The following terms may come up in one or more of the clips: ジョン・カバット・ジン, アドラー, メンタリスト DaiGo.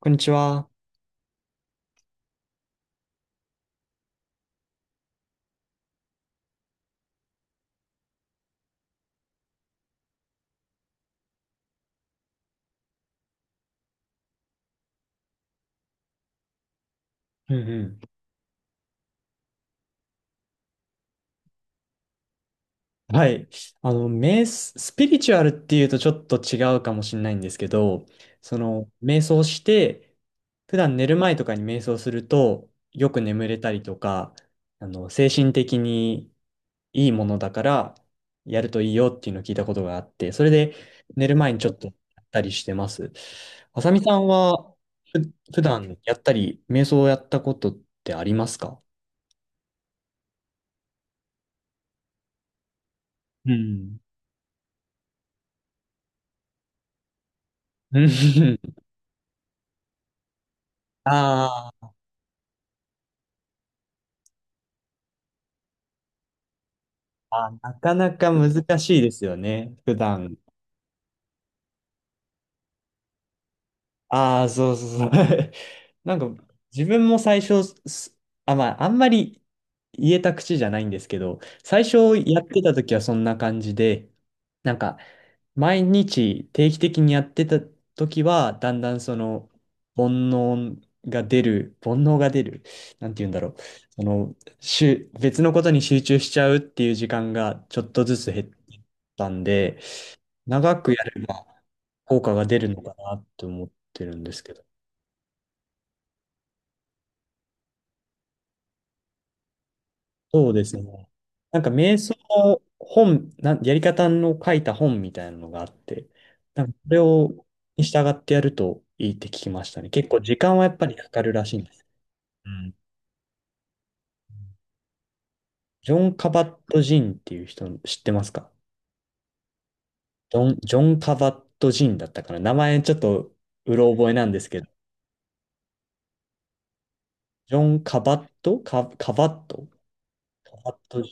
こんにちは。うんうん。はい。スピリチュアルっていうとちょっと違うかもしれないんですけど、瞑想して、普段寝る前とかに瞑想すると、よく眠れたりとか、精神的にいいものだから、やるといいよっていうのを聞いたことがあって、それで寝る前にちょっとやったりしてます。あさみさんは、ふ、普段やったり、瞑想をやったことってありますか？うん。うん。ああ。あ、なかなか難しいですよね、普段。ああ、そうそうそう。なんか、自分も最初、あんまり言えた口じゃないんですけど、最初やってた時はそんな感じで、なんか、毎日定期的にやってた時は、だんだん煩悩が出る、煩悩が出る、なんて言うんだろう。別のことに集中しちゃうっていう時間がちょっとずつ減ったんで、長くやれば効果が出るのかなって思ってるんですけど。そうですね。なんか瞑想の本、やり方の書いた本みたいなのがあって、なんかそれをに従ってやるといいって聞きましたね。結構時間はやっぱりかかるらしいんです。うん。ジョン・カバット・ジンっていう人知ってますか？ジョン・カバット・ジンだったかな。名前ちょっとうろ覚えなんですけど、ジョン・カバット、カバット。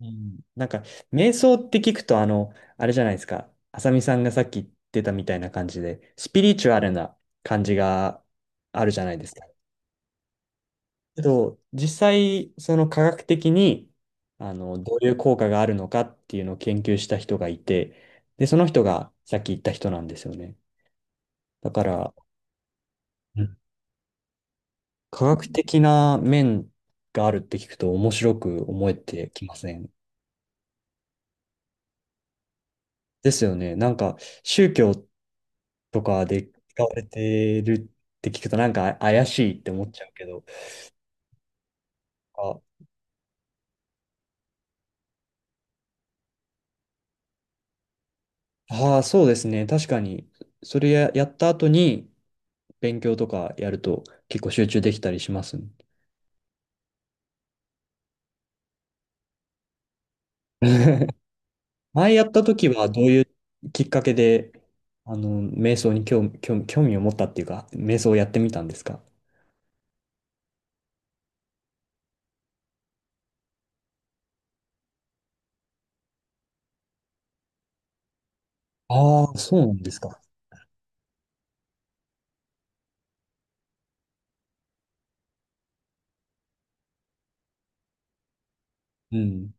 うん。なんか、瞑想って聞くと、あれじゃないですか。あさみさんがさっき言ってたみたいな感じで、スピリチュアルな感じがあるじゃないですか。けど、実際、科学的に、どういう効果があるのかっていうのを研究した人がいて、で、その人がさっき言った人なんですよね。だから、うん科学的な面があるって聞くと面白く思えてきません？ですよね。なんか、宗教っとかで使われてるって聞くとなんか怪しいって思っちゃうけど、あ、あー、そうですね。確かに、それや、やった後に勉強とかやると結構集中できたりしますね。前やった時はどういうきっかけで、瞑想に興味を持ったっていうか、瞑想をやってみたんですか？ああー、そうなんですか。うん。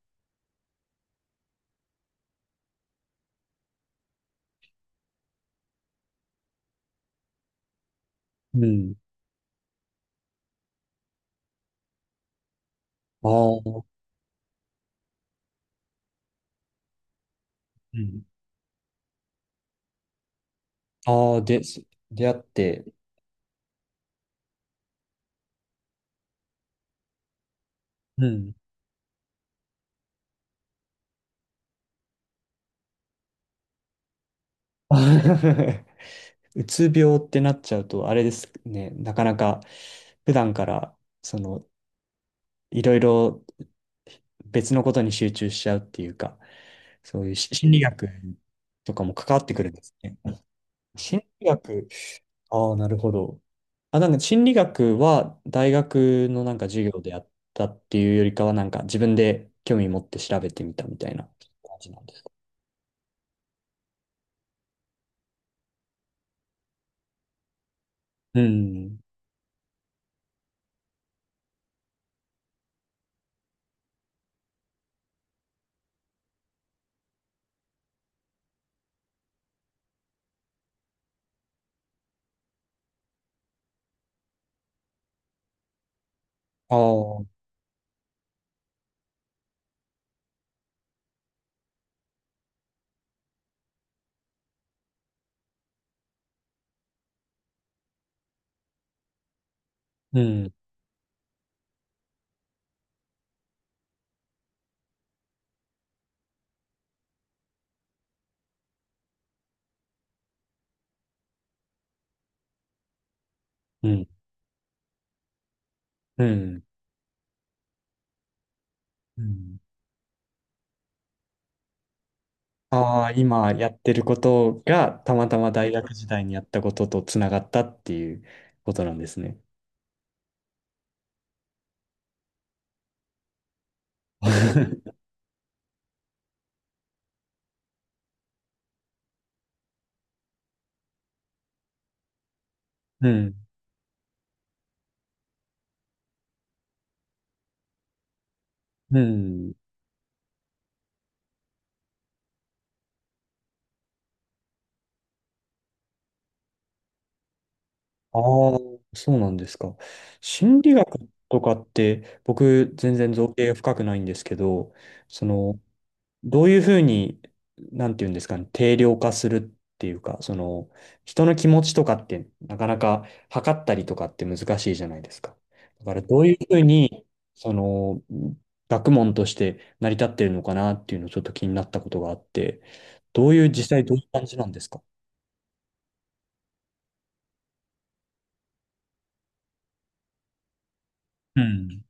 うん。ああ、うん。ああ、で、出会って、うん。うつ病ってなっちゃうと、あれですね、なかなか普段から、いろいろ別のことに集中しちゃうっていうか、そういう心理学とかも関わってくるんですね。心理学、ああ、なるほど。あ、なんか心理学は大学のなんか授業でやったっていうよりかは、なんか自分で興味持って調べてみたみたいな感じなんですか？うん。ああ、うん、うん、うん。うん。ああ、今やってることがたまたま大学時代にやったこととつながったっていうことなんですね。うん。うん。ああ、そうなんですか。心理学とかって僕全然造詣が深くないんですけど、そのどういうふうに、なんていうんですかね、定量化するっていうか、人の気持ちとかって、なかなか測ったりとかって難しいじゃないですか。だから、どういうふうに、その、学問として成り立ってるのかなっていうのをちょっと気になったことがあって、どういう、実際どういう感じなんですか？うん。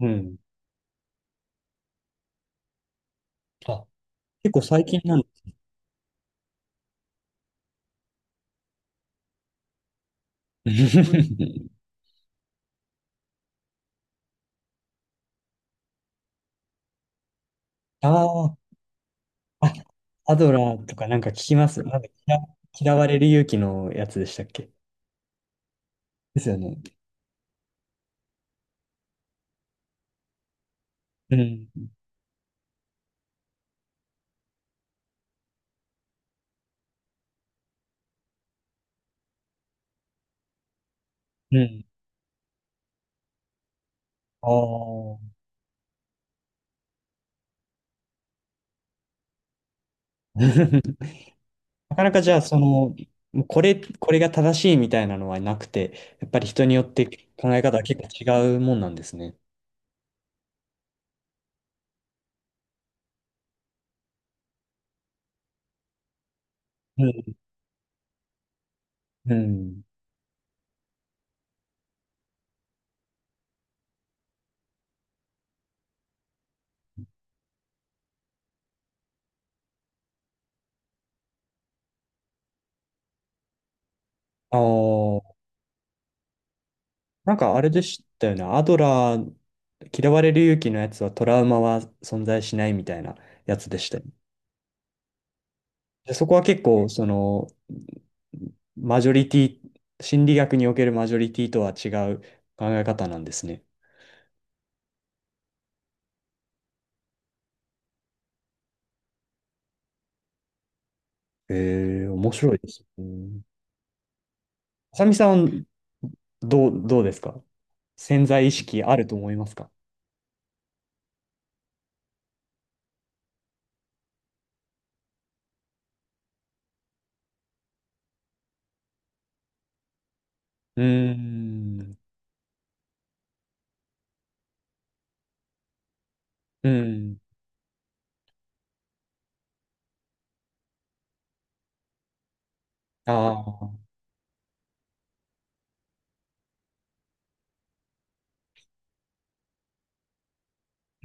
うん。あ、結構最近なん。 あー、あ、アドラーとかなんか聞きます。なんか嫌われる勇気のやつでしたっけ？ですよね。うん。うん。ああ。なかなかじゃあ、もうこれが正しいみたいなのはなくて、やっぱり人によって考え方は結構違うもんなんですね。うん。うん。ああ。なんかあれでしたよね。アドラー、嫌われる勇気のやつはトラウマは存在しないみたいなやつでしたよね。で、そこは結構、マジョリティ、心理学におけるマジョリティとは違う考え方なんですね。ええ、面白いですね。あさみさんはどうですか？潜在意識あると思いますか？うーん。うん。ああ。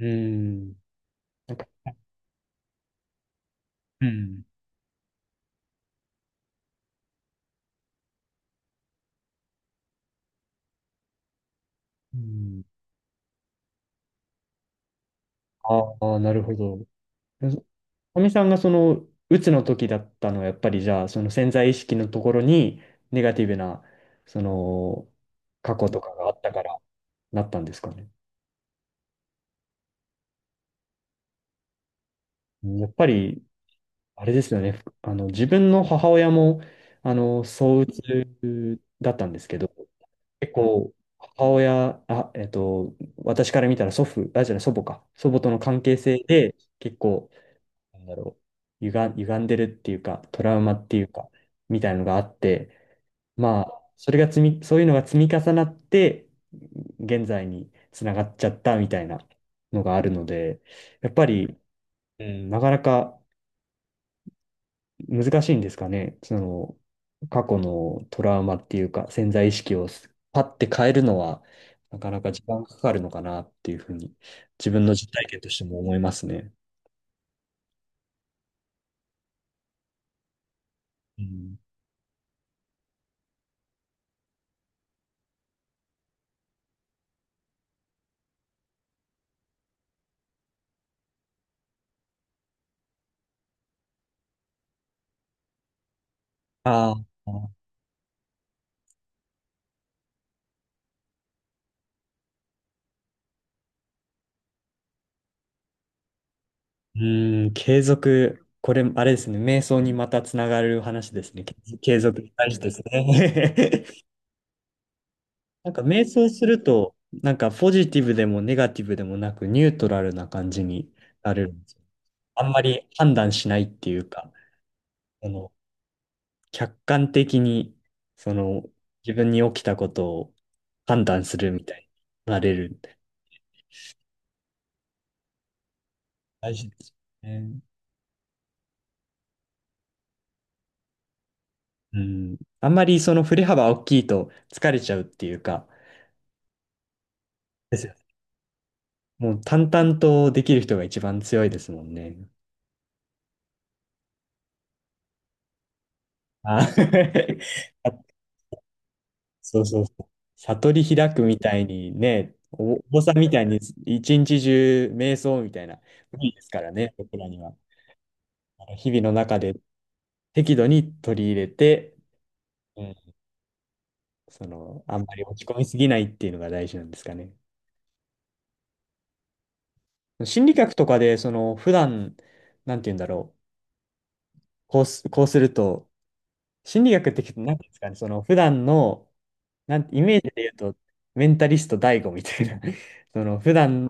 うん。なんか、うん。うん。ああ、なるほど。かみさんがうつの時だったのは、やっぱりじゃあ、その潜在意識のところに、ネガティブな、その、過去とかがあったから、なったんですかね。うん。やっぱり、あれですよね。自分の母親も、躁鬱だったんですけど、結構、母親、私から見たら祖父、あ、じゃない、祖母か。祖母との関係性で、結構、なんだろう、歪んでるっていうか、トラウマっていうか、みたいなのがあって、まあ、そういうのが積み重なって、現在につながっちゃったみたいなのがあるので、やっぱり、うん、なかなか難しいんですかね。過去のトラウマっていうか、潜在意識をパッて変えるのは、なかなか時間かかるのかなっていうふうに、自分の実体験としても思いますね。うん。ああ、うん、継続。これ、あれですね。瞑想にまたつながる話ですね。継続大事ですね。なんか瞑想すると、なんかポジティブでもネガティブでもなくニュートラルな感じになる。あんまり判断しないっていうか、あの、客観的に、その、自分に起きたことを判断するみたいになれる。大事ですよね。うん。あんまりその振れ幅大きいと疲れちゃうっていうか、ですよね。もう淡々とできる人が一番強いですもんね。あ。 あ、そうそうそう。悟り開くみたいにね、お坊さんみたいに一日中瞑想みたいな、無理ですからね、僕らには。あの日々の中で適度に取り入れて、うん。あんまり落ち込みすぎないっていうのが大事なんですかね。心理学とかで、普段、なんて言うんだろう、こうすると、心理学って、なんていうんですかね、普段の、イメージで言うと、メンタリスト DA みたいな、普段、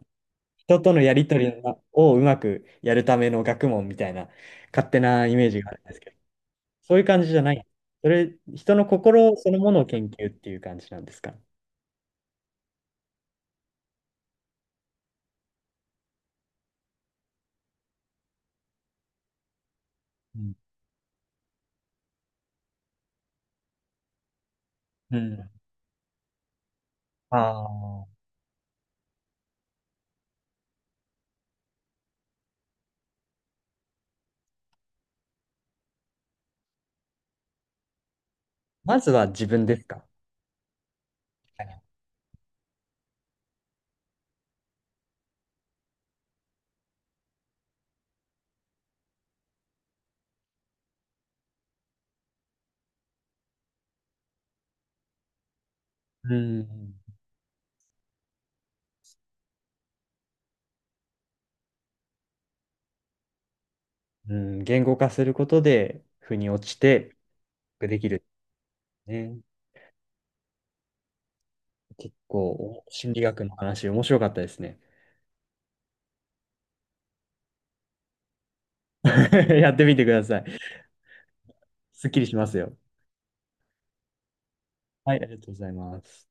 人とのやりとりをうまくやるための学問みたいな、勝手なイメージがあるんですけど、そういう感じじゃない。人の心そのものを研究っていう感じなんですか？うん。うん。ああ、まずは自分ですか？うん、うん、言語化することで、腑に落ちて、できるね。結構、心理学の話、面白かったですね。やってみてください。すっきりしますよ。はい、ありがとうございます。